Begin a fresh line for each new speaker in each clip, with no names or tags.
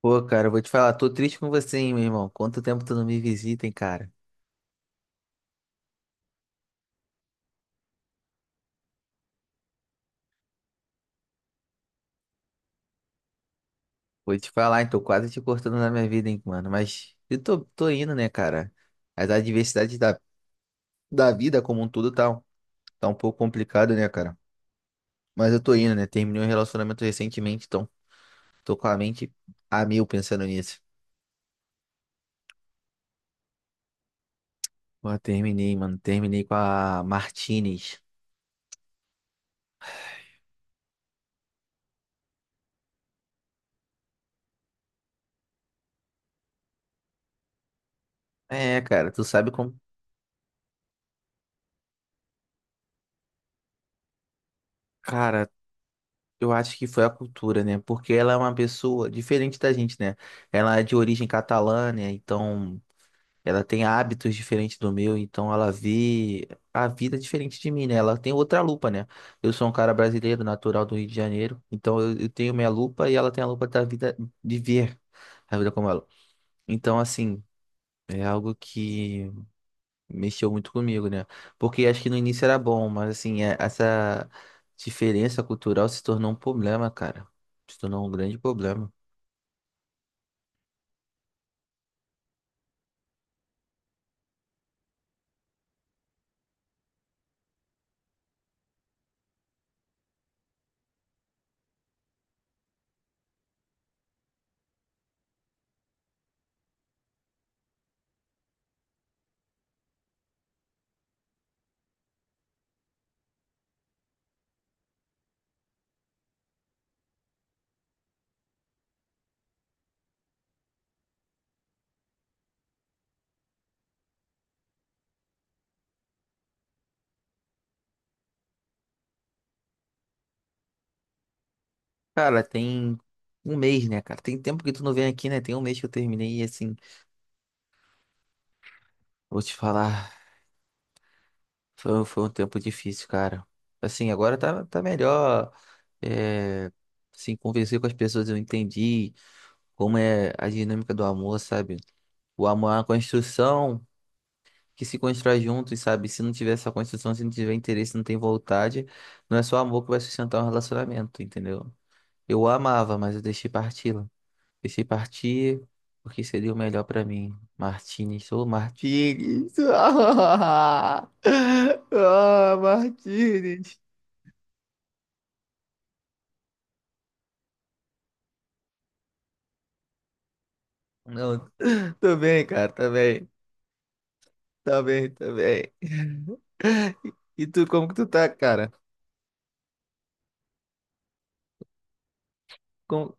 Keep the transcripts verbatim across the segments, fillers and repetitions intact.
Pô, cara, eu vou te falar, tô triste com você, hein, meu irmão. Quanto tempo tu não me visita, hein, cara? Vou te falar, hein, tô quase te cortando na minha vida, hein, mano. Mas eu tô, tô indo, né, cara? As adversidades da, da vida como um todo tá, tá um pouco complicado, né, cara? Mas eu tô indo, né? Terminei um relacionamento recentemente, então tô com a mente A mil pensando nisso. Pô, terminei, mano. Terminei com a Martinez. É, cara, tu sabe como. Cara, eu acho que foi a cultura, né? Porque ela é uma pessoa diferente da gente, né? Ela é de origem catalã, né? Então, ela tem hábitos diferentes do meu, então ela vê a vida diferente de mim, né? Ela tem outra lupa, né? Eu sou um cara brasileiro, natural do Rio de Janeiro, então eu, eu tenho minha lupa e ela tem a lupa da vida de ver a vida como ela. Então, assim, é algo que mexeu muito comigo, né? Porque acho que no início era bom, mas assim, é- essa diferença cultural se tornou um problema, cara. Se tornou um grande problema. Cara, tem um mês, né, cara? Tem tempo que tu não vem aqui, né? Tem um mês que eu terminei e assim, vou te falar, foi, foi um tempo difícil, cara. Assim, agora tá, tá melhor. É, assim, conversei com as pessoas, eu entendi como é a dinâmica do amor, sabe? O amor é uma construção que se constrói juntos, sabe? Se não tiver essa construção, se não tiver interesse, não tem vontade, não é só amor que vai sustentar um relacionamento, entendeu? Eu a amava, mas eu deixei parti deixei partir porque seria o melhor pra mim. Martínez, ô Martínez! Ah, Martínez! Não, tô bem, cara, tá bem. Tá bem, tá bem. E tu, como que tu tá, cara? Com...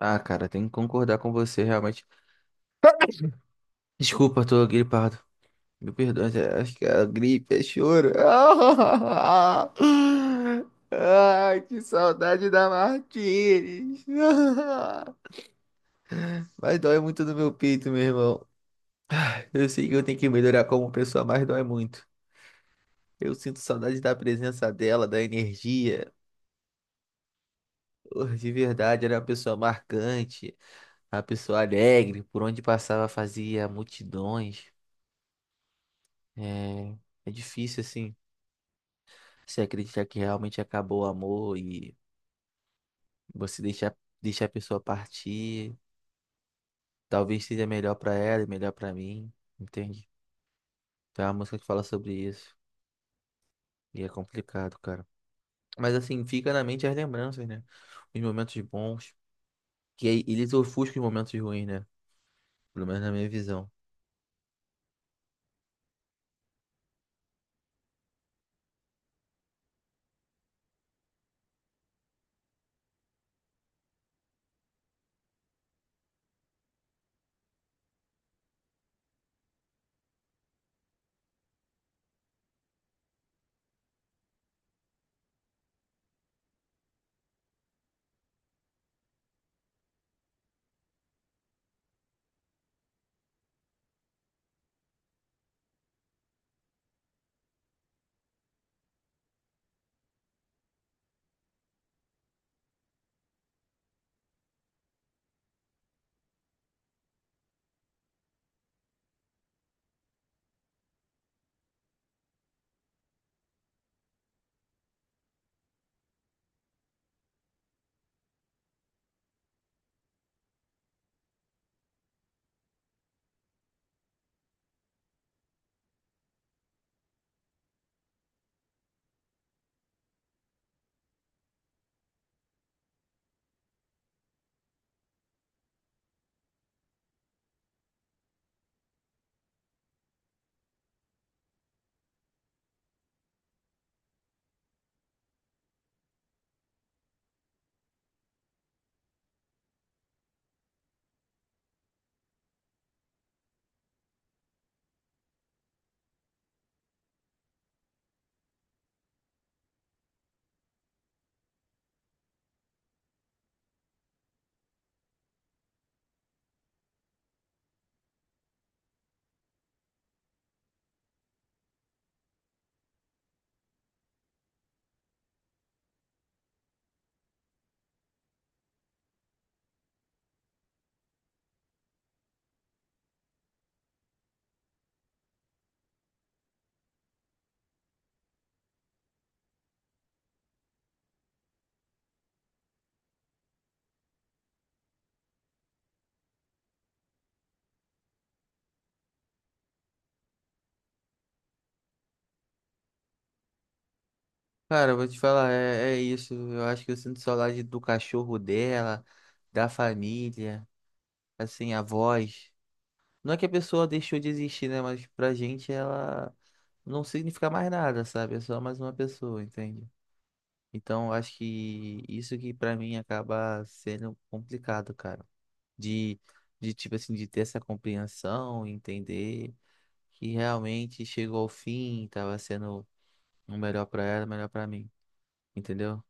Ah, cara, tenho que concordar com você, realmente. Desculpa, tô gripado. Meu perdão, é- acho que é a gripe, é choro. Ai, que saudade da Martires. Mas dói muito no meu peito, meu irmão. Eu sei que eu tenho que melhorar como pessoa, mas dói muito. Eu sinto saudade da presença dela, da energia. Oh, de verdade, era uma pessoa marcante, uma pessoa alegre, por onde passava fazia multidões. É, é difícil, assim, se acreditar que realmente acabou o amor e. Você deixar, deixar a pessoa partir, talvez seja melhor pra ela e melhor pra mim, entende? Então é uma música que fala sobre isso. E é complicado, cara. Mas assim, fica na mente as lembranças, né? Os momentos bons. Que aí eles ofuscam os momentos ruins, né? Pelo menos na minha visão. Cara, eu vou te falar, é, é isso. Eu acho que eu sinto saudade do cachorro dela, da família, assim, a voz. Não é que a pessoa deixou de existir, né? Mas pra gente ela não significa mais nada, sabe? É só mais uma pessoa, entende? Então, eu acho que isso que pra mim acaba sendo complicado, cara. De, de tipo assim, de ter essa compreensão, entender que realmente chegou ao fim, tava sendo o melhor pra ela, o melhor pra mim, entendeu?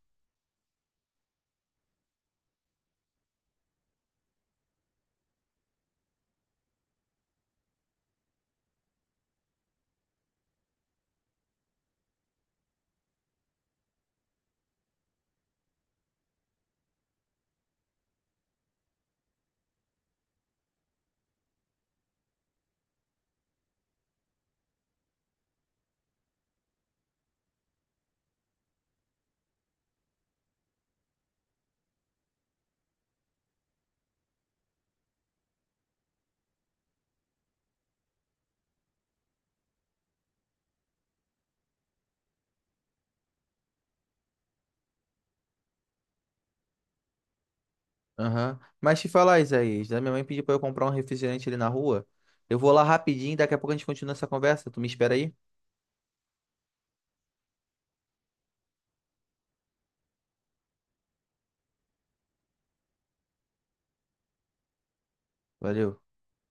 Aham. Mas te falar, Isaías, né? Minha mãe pediu pra eu comprar um refrigerante ali na rua. Eu vou lá rapidinho, daqui a pouco a gente continua essa conversa. Tu me espera aí? Valeu.